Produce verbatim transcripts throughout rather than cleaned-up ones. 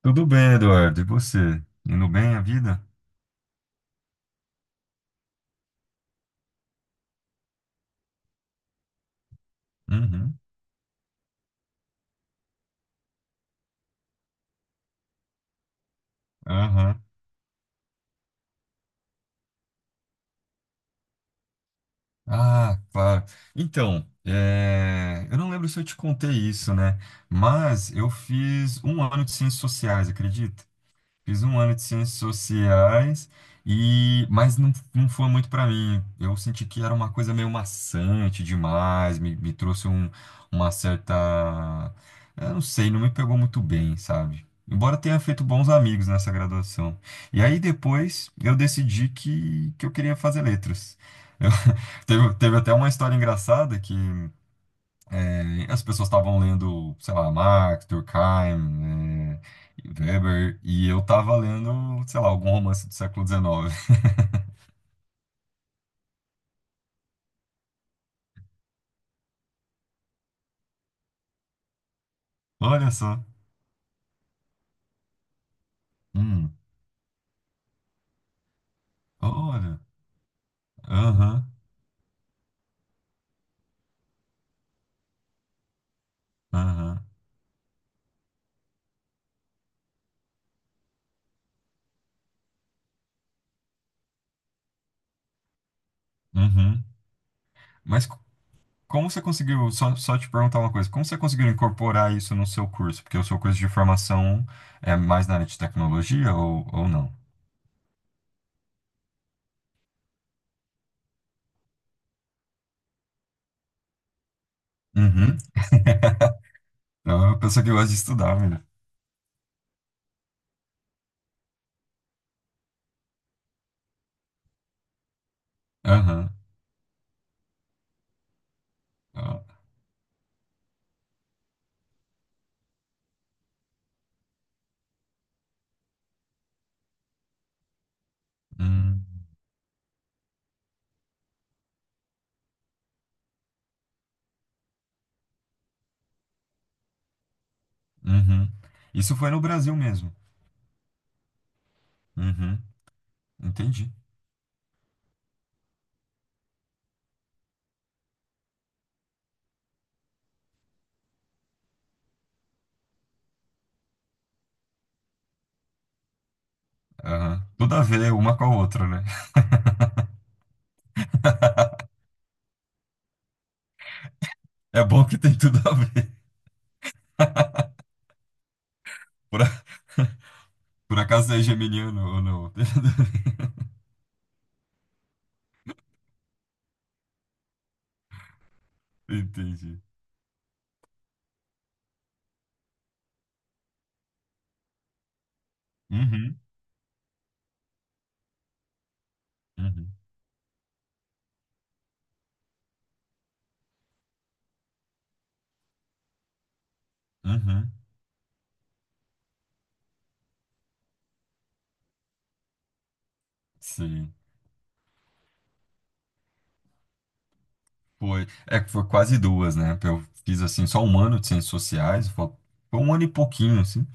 Tudo bem, Eduardo. E você? Indo bem a vida? Uhum. Aham. Ah, claro. Então, é, eu não lembro se eu te contei isso, né? Mas eu fiz um ano de ciências sociais, acredita? Fiz um ano de ciências sociais e mas não, não foi muito para mim. Eu senti que era uma coisa meio maçante demais, me, me trouxe um- uma certa, eu não sei, não me pegou muito bem, sabe? Embora tenha feito bons amigos nessa graduação. E aí depois eu decidi que, que eu queria fazer letras. Eu- teve, teve até uma história engraçada que é, as pessoas estavam lendo, sei lá, Marx, Durkheim, eh, Weber, e eu tava lendo, sei lá, algum romance do século dezenove. Olha só. Hum, olha. Aham, aham, uhum. Mas co- como você conseguiu, só, só te perguntar uma coisa, como você conseguiu incorporar isso no seu curso? Porque o seu curso de formação é mais na área de tecnologia ou, ou não? Uhum. É uma pessoa que gosta de estudar, menino. Aham. Ó. Hum. Uhum. Isso foi no Brasil mesmo. Uhum, entendi. Aham. Tudo a ver uma com a outra, né? É bom que tem tudo a ver. Por, a- Por acaso é geminiano ou não? Entendi. Uhum, uhum, uhum. Sim. Foi, é que foi quase duas, né? Eu fiz assim só um ano de ciências sociais, foi foi um ano e pouquinho assim,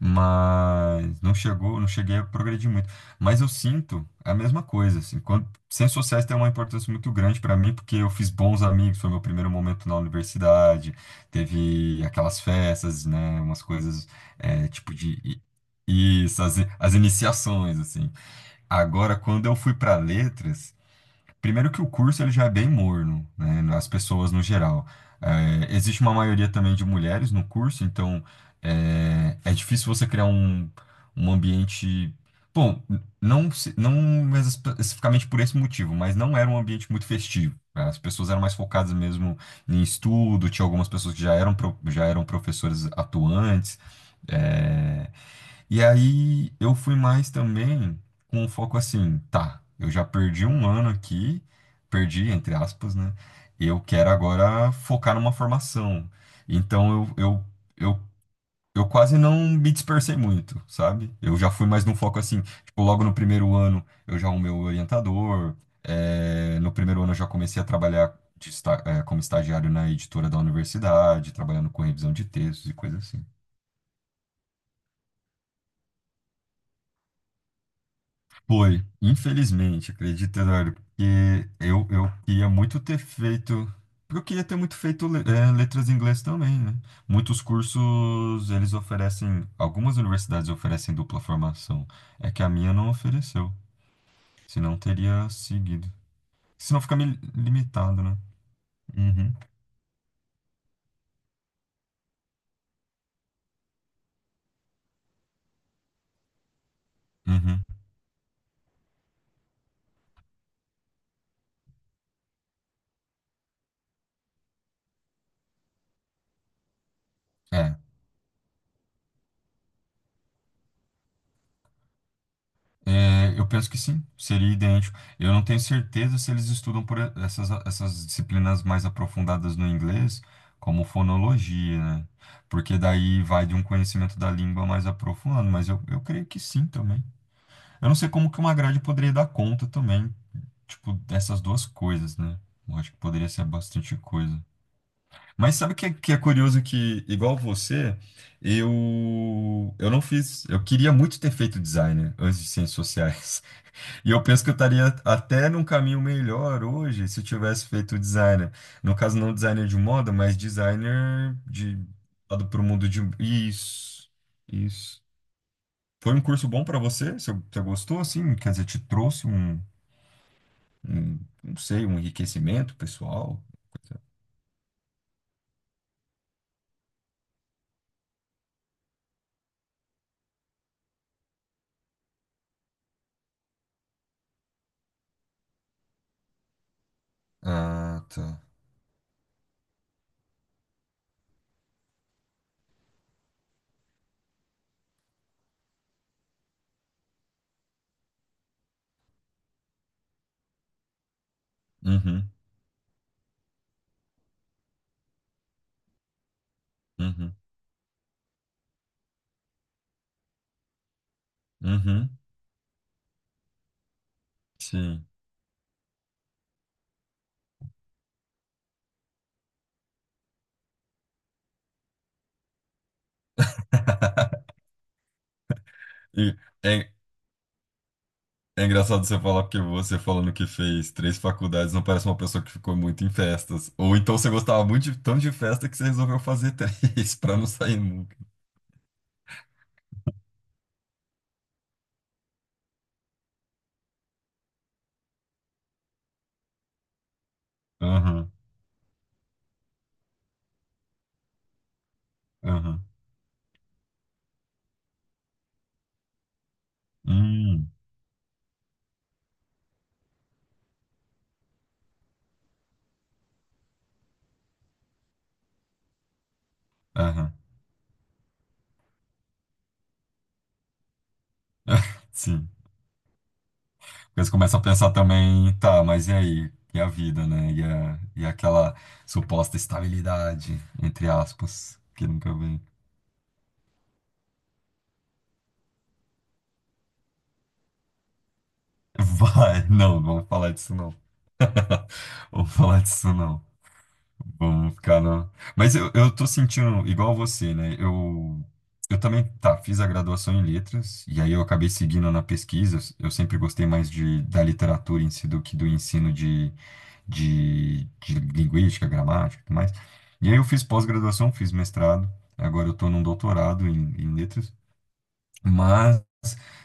mas não chegou, não cheguei a progredir muito. Mas eu sinto a mesma coisa assim, quando ciências sociais tem uma importância muito grande para mim porque eu fiz bons amigos, foi meu primeiro momento na universidade, teve aquelas festas, né? Umas coisas é, tipo de isso, as, as iniciações assim. Agora, quando eu fui para letras, primeiro que o curso ele já é bem morno, né, nas pessoas no geral. É, existe uma maioria também de mulheres no curso, então é, é difícil você criar um, um ambiente. Bom, n- não, se- não espe- especificamente por esse motivo, mas não era um ambiente muito festivo. Né, as pessoas eram mais focadas mesmo em estudo, tinha algumas pessoas que já eram, pro- já eram professores atuantes. é, e aí eu fui mais também com um foco assim, tá, eu já perdi um ano aqui, perdi, entre aspas, né? Eu quero agora focar numa formação. Então eu, eu, eu, eu quase não me dispersei muito, sabe? Eu já fui mais num foco assim, tipo, logo no primeiro ano eu já arrumei o orientador, eh, no primeiro ano eu já comecei a trabalhar de esta- eh, como estagiário na editora da universidade, trabalhando com revisão de textos e coisas assim. Foi, infelizmente, acredita, Eduardo, porque eu, eu queria muito ter feito. Porque eu queria ter muito feito le- eh, letras em inglês também, né? Muitos cursos, eles oferecem. Algumas universidades oferecem dupla formação. É que a minha não ofereceu. Senão teria seguido. Senão fica me limitado, né? Uhum, uhum. É. É, eu penso que sim, seria idêntico. Eu não tenho certeza se eles estudam por e- essas, essas disciplinas mais aprofundadas no inglês, como fonologia, né? Porque daí vai de um conhecimento da língua mais aprofundado, mas eu, eu creio que sim também. Eu não sei como que uma grade poderia dar conta também, tipo, dessas duas coisas, né? Eu acho que poderia ser bastante coisa. Mas sabe o que, é- que é curioso que, igual você, eu, eu não fiz. Eu queria muito ter feito designer antes de ciências sociais. E eu penso que eu estaria até num caminho melhor hoje se eu tivesse feito designer. No caso, não designer de moda, mas designer de lado para o mundo de. Isso, isso. Foi um curso bom para você? Você, você gostou, assim? Quer dizer, te trouxe um, um, não sei, um enriquecimento pessoal? Ah, tá. Uhum, uhum, uhum. Sim. E, é, é engraçado você falar porque você falando que fez três faculdades não parece uma pessoa que ficou muito em festas. Ou então você gostava muito de, tanto de festa que você resolveu fazer três pra não sair nunca. Aham, aham. Hum, aham. Sim. Porque você começa a pensar também, tá, mas e aí? E a vida, né? E, a, e aquela suposta estabilidade, entre aspas, que nunca vem. Vai, não, não vamos falar disso não. Vamos falar disso não. Vamos ficar na. Mas eu, eu tô sentindo igual você, né? Eu, eu também, tá, fiz a graduação em letras, e aí eu acabei seguindo na pesquisa. Eu sempre gostei mais de, da literatura em si do que do ensino de, de, de linguística, gramática e tudo mais. E aí eu fiz pós-graduação, fiz mestrado, agora eu tô num doutorado em, em letras, mas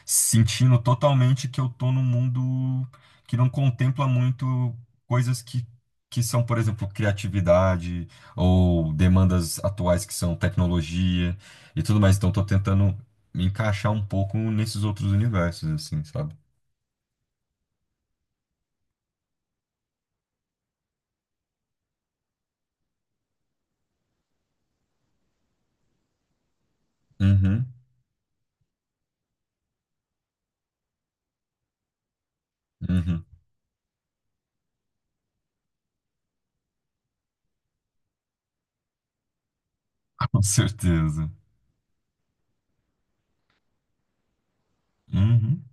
sentindo totalmente que eu tô num mundo que não contempla muito coisas que, que são, por exemplo, criatividade ou demandas atuais que são tecnologia e tudo mais. Então, tô tentando me encaixar um pouco nesses outros universos, assim, sabe? Uhum, uhum, com certeza. Uhum.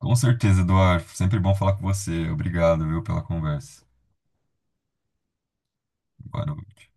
Com certeza, Eduardo. Sempre bom falar com você. Obrigado, viu, pela conversa. Boa noite.